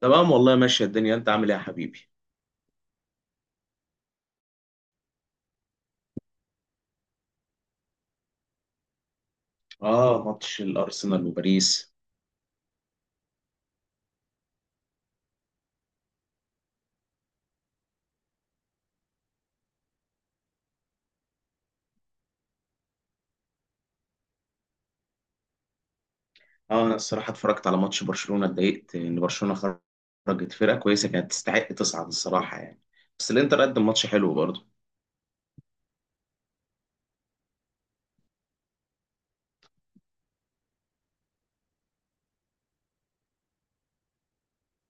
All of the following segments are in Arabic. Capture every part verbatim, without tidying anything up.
تمام والله، ماشية الدنيا. انت عامل ايه يا حبيبي؟ اه، ماتش الارسنال وباريس. اه انا الصراحة اتفرجت على ماتش برشلونة، اتضايقت ان برشلونة خرجت. فرقة كويسة كانت تستحق تصعد الصراحة يعني. بس الانتر قدم ماتش حلو برضه.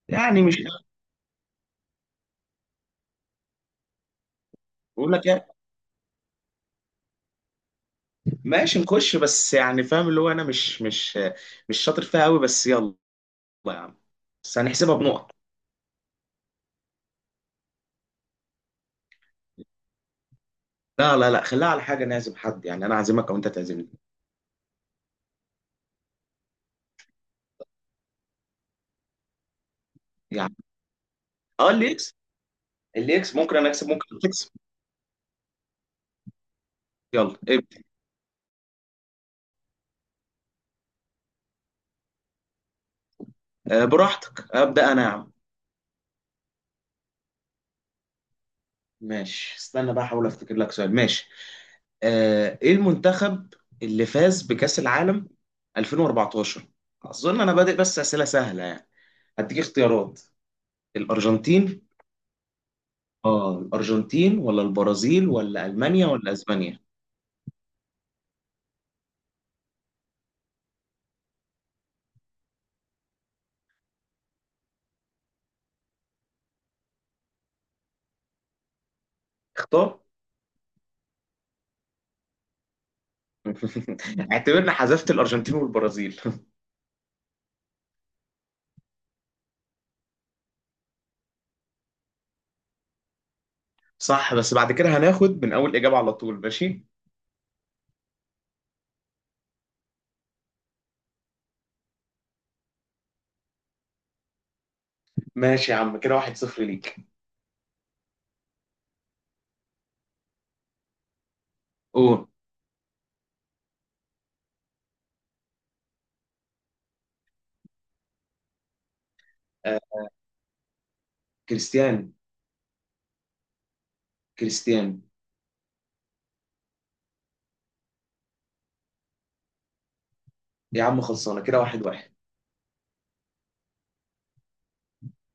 يعني مش بقول لك يعني ماشي نخش، بس يعني فاهم اللي هو انا مش مش مش شاطر فيها قوي، بس يلا يا عم. بس هنحسبها بنقط. لا لا لا، خليها على حاجة، نعزم حد. يعني انا اعزمك او انت تعزمني. يعني اه، اللي يكسب، اللي يكسب ممكن انا اكسب، ممكن انت تكسب. يلا ابدا. آه براحتك، ابدا انا يا عم. ماشي، استنى بقى احاول افتكر لك سؤال. ماشي، آه ايه المنتخب اللي فاز بكأس العالم الفين واربعتاشر؟ اظن انا بادئ بس اسئله سهله يعني. هديك اختيارات. الارجنتين، اه الارجنتين ولا البرازيل ولا المانيا ولا اسبانيا؟ اختار. اعتبرنا حذفت الارجنتين والبرازيل. صح، بس بعد كده هناخد من اول اجابه على طول. ماشي، ماشي يا عم، كده واحد صفر ليك. قول. آه كريستيان، كريستيان. يا عم خلصانه، كده واحد واحد.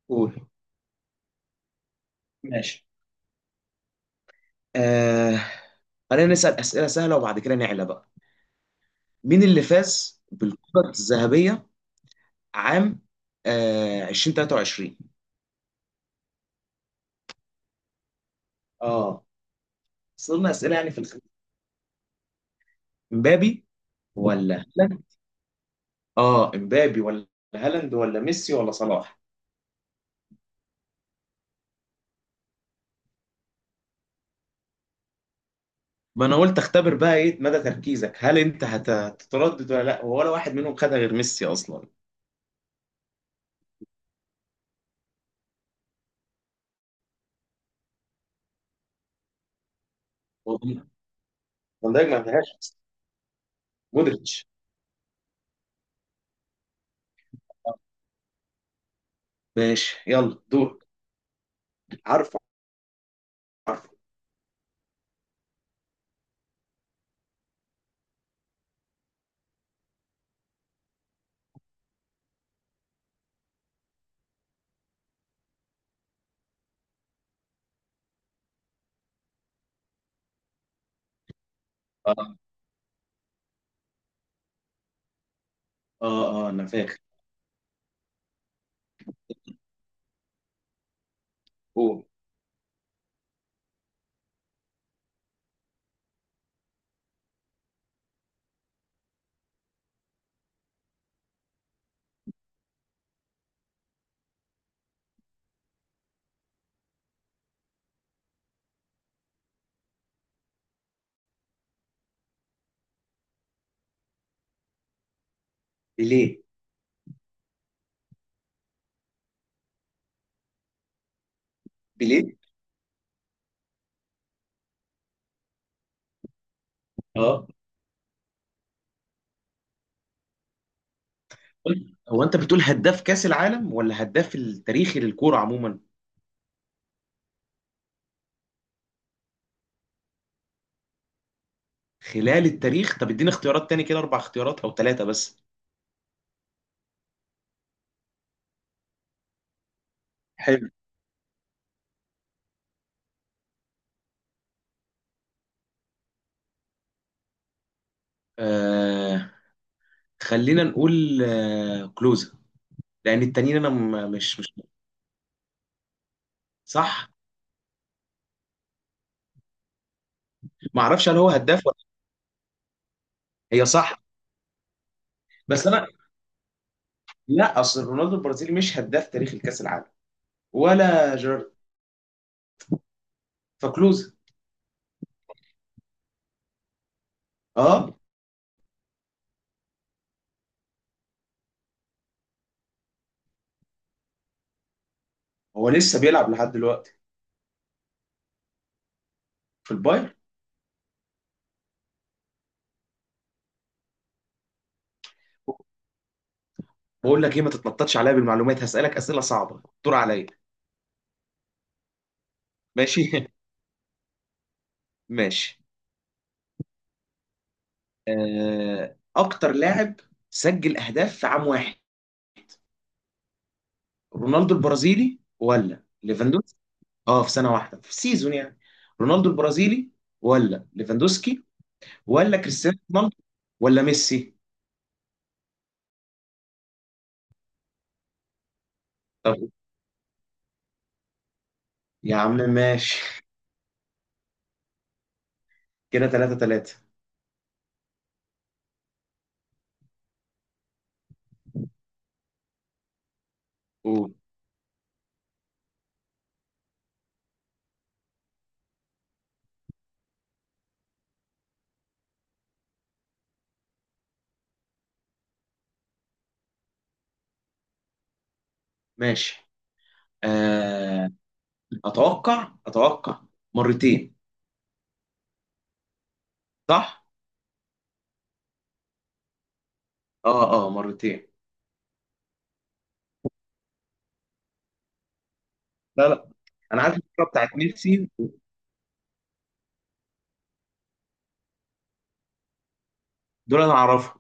قول. ماشي. آه... خلينا نسأل أسئلة سهلة وبعد كده نعلى بقى. مين اللي فاز بالكرة الذهبية عام آه الفين وتلتاشر؟ اه. صرنا أسئلة يعني في الخ... مبابي ولا هالاند؟ اه مبابي ولا هالاند ولا ميسي ولا صلاح؟ ما انا قلت اختبر بقى ايه مدى تركيزك. هل انت هت- هتتردد ولا لا؟ ولا واحد منهم خدها غير ميسي اصلا. فان دايك ما فيهاش. مودريتش. ماشي، يلا دور. عارفه، عارفه. اه اه اه انا فاكر. قول. بيليه، بيليه. اه، هو انت بتقول هداف كاس العالم ولا هداف التاريخي للكوره عموما؟ خلال التاريخ؟ طب اديني اختيارات تاني، كده اربع اختيارات او ثلاثه بس. حلو. آه، خلينا نقول آه كلوزا، لان التانيين انا م- مش مش صح. ما اعرفش هل هو هداف ولا. هي صح، بس انا لا، اصل رونالدو البرازيلي مش هداف تاريخ الكاس العالم، ولا جيرارد. فكلوزا. اه. هو لسه بيلعب لحد دلوقتي. في البايرن. بقول لك ايه، ما تتنططش عليا بالمعلومات. هسألك أسئلة صعبة، دور عليا. ماشي. ماشي. آه، اكتر لاعب سجل اهداف في عام واحد، رونالدو البرازيلي ولا ليفاندوسكي؟ اه في سنة واحدة، في سيزون يعني. رونالدو البرازيلي ولا ليفاندوسكي ولا كريستيانو رونالدو ولا ميسي؟ طب. يا عم ماشي. كده تلاتة تلاتة. قول. ماشي. آه، اتوقع اتوقع مرتين. صح، اه اه مرتين. لا لا، انا عارف الكوره بتاعت ميسي. دول انا اعرفها.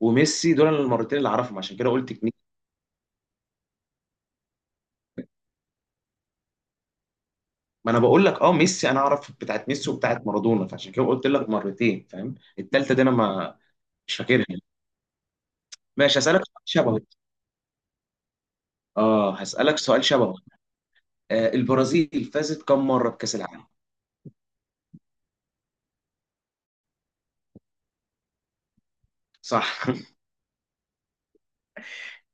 وميسي، دول انا المرتين اللي اعرفهم، عشان كده قلت اتنين. ما انا بقول لك اه ميسي، انا اعرف بتاعت ميسي وبتاعت مارادونا، فعشان كده قلت لك مرتين. فاهم؟ التالتة دي انا ما مش فاكرها. ماشي هسألك سؤال شبهه. اه هسألك سؤال شبهه. آه، البرازيل فازت كم مرة بكأس العالم؟ صح.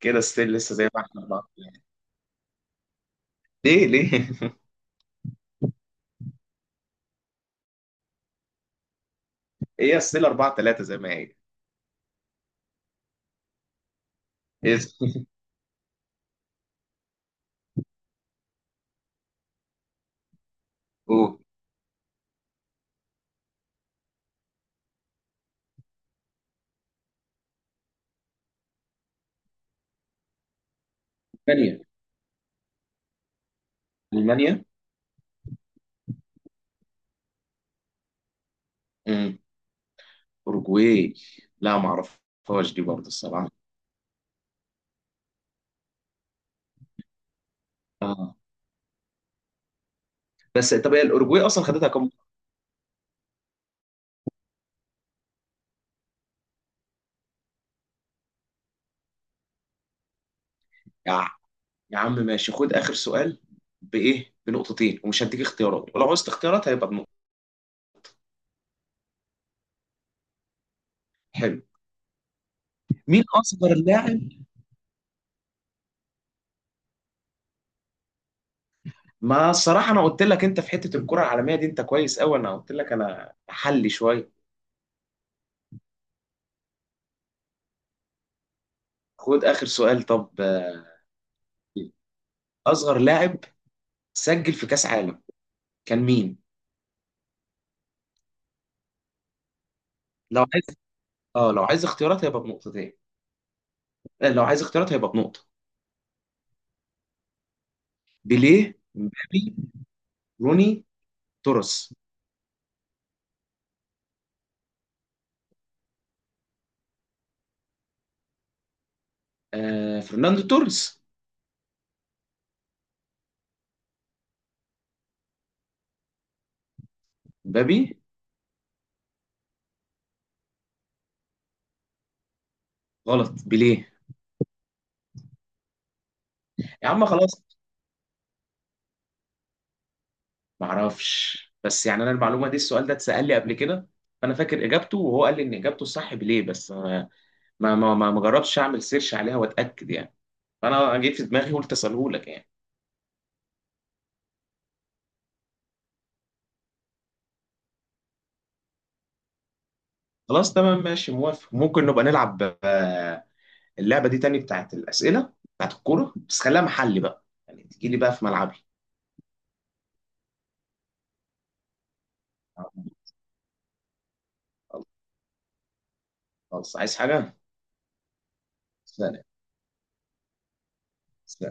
كده ستيل لسه زي ما احنا، أربعة. ليه ليه؟ هي ستيل اربعة تلاتة زي ما هي. اسم. قول. المانيا، المانيا. امم، اوروجواي. لا ما اعرفهاش دي برضه الصراحة. اه. بس طب هي الاوروجواي اصلا خدتها كام مرة؟ يا يا عم ماشي، خد اخر سؤال بايه، بنقطتين ومش هديك اختيارات، ولو عوزت اختيارات هيبقى بنقطه. حلو. مين اصغر لاعب؟ ما الصراحه انا قلت لك انت في حته الكره العالميه دي انت كويس قوي، انا قلت لك انا حلي شويه. خد اخر سؤال. طب آه، اصغر لاعب سجل في كاس عالم كان مين؟ لو عايز، اه لو عايز اختيارات هيبقى بنقطتين، آه لو عايز اختيارات هيبقى بنقطه. بيليه، مبابي، روني، توريس. آه، فرناندو توريس. مبابي. غلط، بيليه. يا عم خلاص، ما اعرفش، بس يعني انا المعلومه دي، السؤال ده اتسال لي قبل كده، فانا فاكر اجابته، وهو قال لي ان اجابته الصح بيليه. بس ما ما ما, ما جربتش اعمل سيرش عليها واتاكد يعني. فانا جيت في دماغي قلت اساله لك يعني. خلاص تمام، ماشي موافق، ممكن نبقى نلعب آه، اللعبه دي تاني بتاعت الاسئله بتاعت الكوره، بس خليها محلي بقى يعني، تجي لي بقى في ملعبي. خلاص، عايز حاجه؟ سلام. سلام.